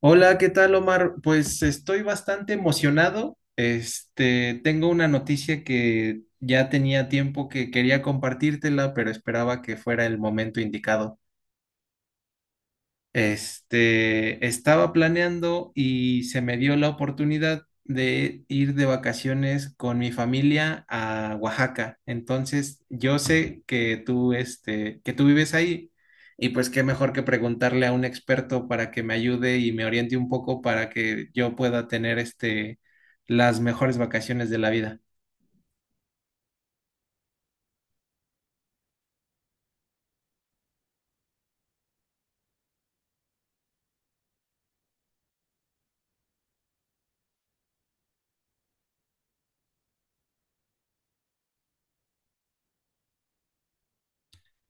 Hola, ¿qué tal, Omar? Pues estoy bastante emocionado. Tengo una noticia que ya tenía tiempo que quería compartírtela, pero esperaba que fuera el momento indicado. Estaba planeando y se me dio la oportunidad de ir de vacaciones con mi familia a Oaxaca. Entonces, yo sé que tú, que tú vives ahí y pues qué mejor que preguntarle a un experto para que me ayude y me oriente un poco para que yo pueda tener las mejores vacaciones de la vida.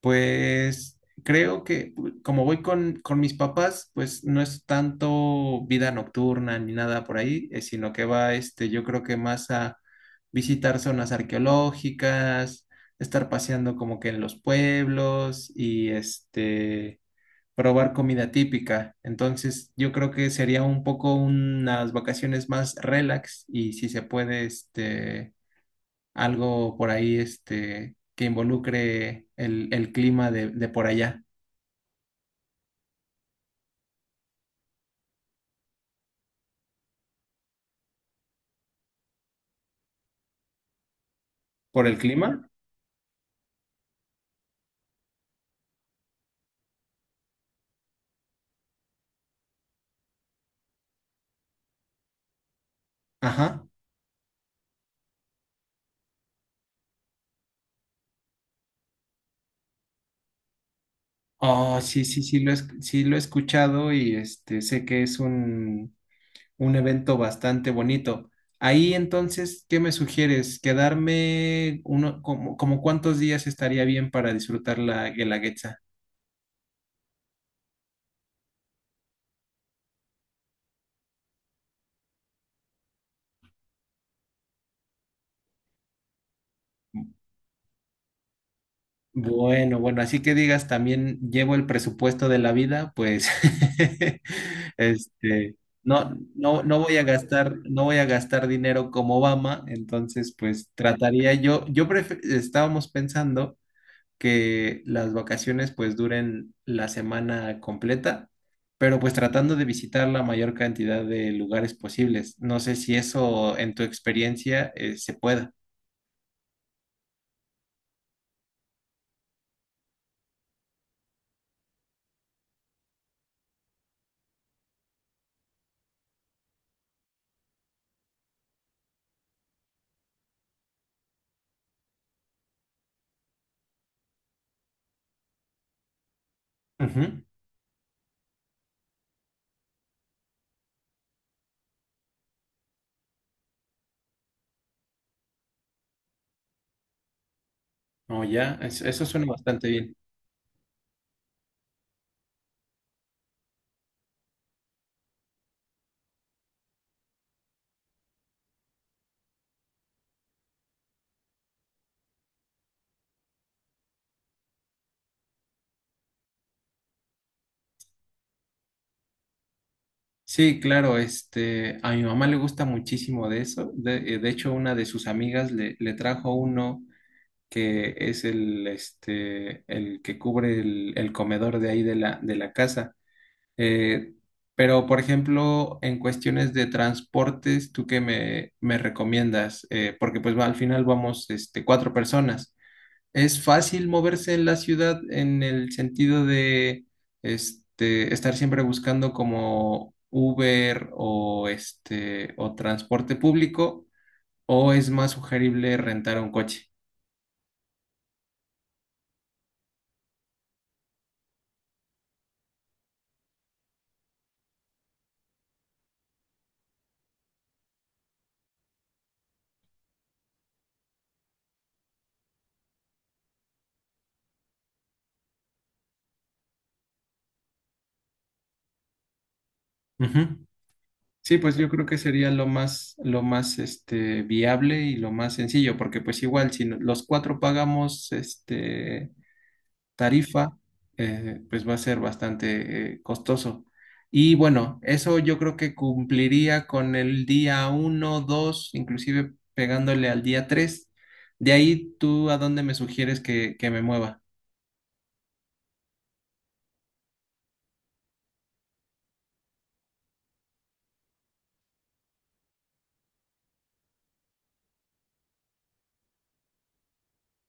Pues creo que como voy con mis papás, pues no es tanto vida nocturna ni nada por ahí, sino que va, yo creo que más a visitar zonas arqueológicas, estar paseando como que en los pueblos y probar comida típica. Entonces, yo creo que sería un poco unas vacaciones más relax y si se puede, algo por ahí que involucre el clima de por allá. ¿Por el clima? Ajá. Oh, sí, sí, sí sí lo he escuchado y sé que es un evento bastante bonito. Ahí entonces, ¿qué me sugieres? ¿Quedarme uno, como, como cuántos días estaría bien para disfrutar la Guelaguetza? Bueno, bueno, así que digas, también llevo el presupuesto de la vida, pues, este, no, no, no voy a gastar, no voy a gastar dinero como Obama, entonces, pues, trataría yo, estábamos pensando que las vacaciones, pues, duren la semana completa, pero pues tratando de visitar la mayor cantidad de lugares posibles. No sé si eso, en tu experiencia, se pueda. Ujú. Oh, ya, eso suena bastante bien. Sí, claro, a mi mamá le gusta muchísimo de eso. De hecho, una de sus amigas le trajo uno que es el que cubre el comedor de ahí de de la casa. Eh, pero, por ejemplo, en cuestiones de transportes, ¿tú qué me recomiendas? Porque pues va, al final vamos, cuatro personas. Es fácil moverse en la ciudad en el sentido de estar siempre buscando como Uber o transporte público, o es más sugerible rentar un coche. Ujú. Sí, pues yo creo que sería lo más viable y lo más sencillo, porque pues igual si los cuatro pagamos tarifa, pues va a ser bastante costoso. Y bueno, eso yo creo que cumpliría con el día uno, 2, inclusive pegándole al día 3. De ahí, ¿tú a dónde me sugieres que me mueva?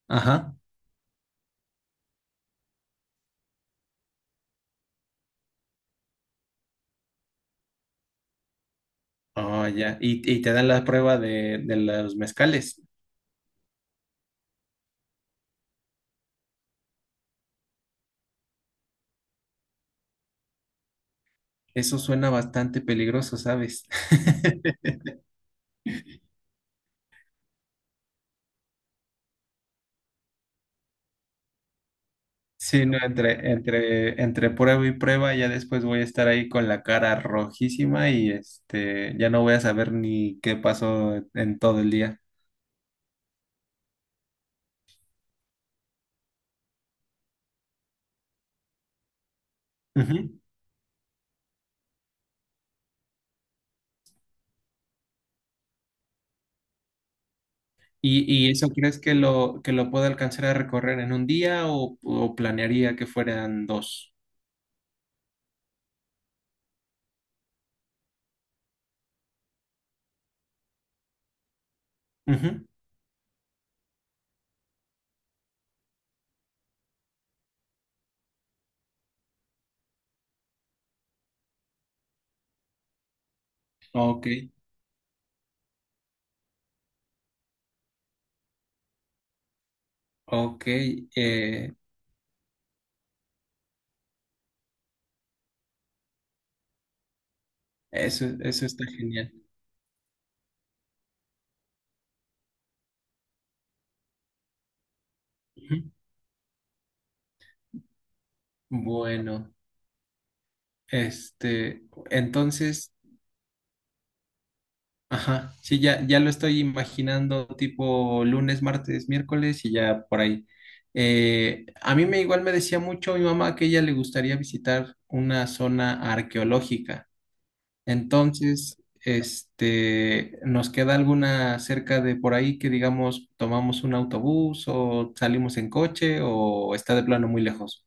Ajá. Oh, ya. Y te dan la prueba de los mezcales. Eso suena bastante peligroso, ¿sabes? Sí, no, entre, entre, entre prueba y prueba, ya después voy a estar ahí con la cara rojísima y ya no voy a saber ni qué pasó en todo el día. Ujú. Y, ¿y eso crees que que lo pueda alcanzar a recorrer en un día o planearía que fueran dos? Ujú. Ok, ok, eh, eso está genial. Ujú. Bueno, este, entonces. Ajá, sí, ya, ya lo estoy imaginando tipo lunes, martes, miércoles y ya por ahí. A mí me igual me decía mucho mi mamá que ella le gustaría visitar una zona arqueológica. Entonces, nos queda alguna cerca de por ahí que digamos tomamos un autobús o salimos en coche o está de plano muy lejos.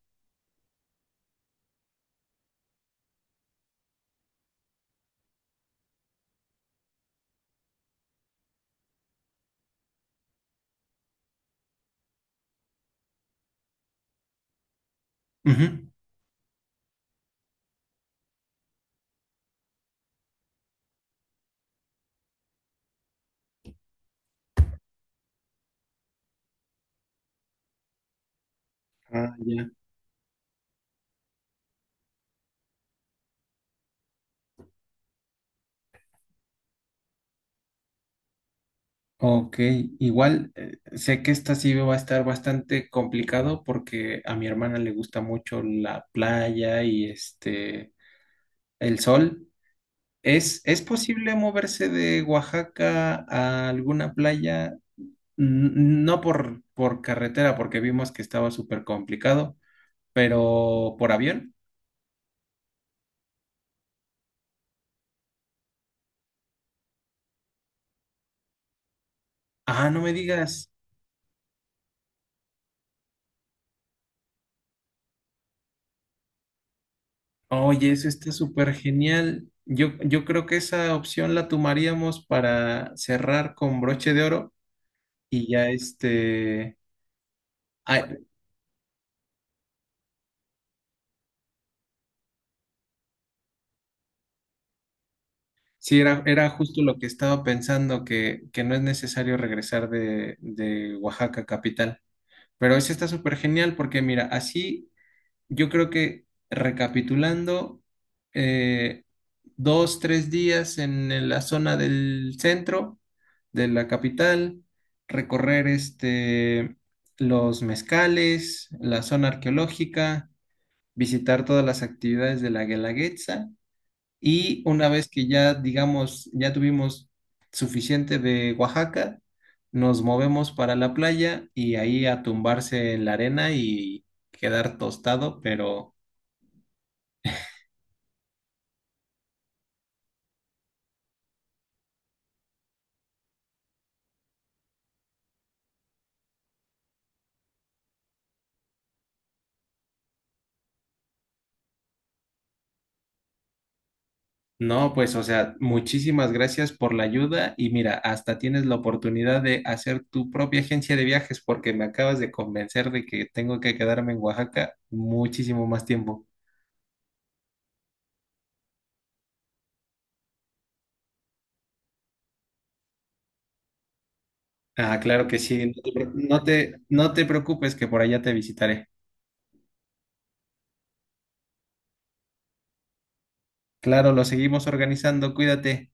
Ujú. Ah, ya. Ok, igual sé que esta sí va a estar bastante complicado porque a mi hermana le gusta mucho la playa y el sol. Es posible moverse de Oaxaca a alguna playa? N- No por, por carretera, porque vimos que estaba súper complicado, pero por avión. Ah, no me digas. Oye, eso está súper genial. Yo creo que esa opción la tomaríamos para cerrar con broche de oro. Y ya ah, sí, era, era justo lo que estaba pensando, que no es necesario regresar de Oaxaca capital. Pero eso está súper genial porque mira, así yo creo que recapitulando, eh, dos, tres días en la zona del centro de la capital, recorrer los mezcales, la zona arqueológica, visitar todas las actividades de la Guelaguetza. Y una vez que ya, digamos, ya tuvimos suficiente de Oaxaca, nos movemos para la playa y ahí a tumbarse en la arena y quedar tostado, pero no, pues, o sea, muchísimas gracias por la ayuda y mira, hasta tienes la oportunidad de hacer tu propia agencia de viajes porque me acabas de convencer de que tengo que quedarme en Oaxaca muchísimo más tiempo. Ah, claro que sí, no te, no te preocupes que por allá te visitaré. Claro, lo seguimos organizando. Cuídate.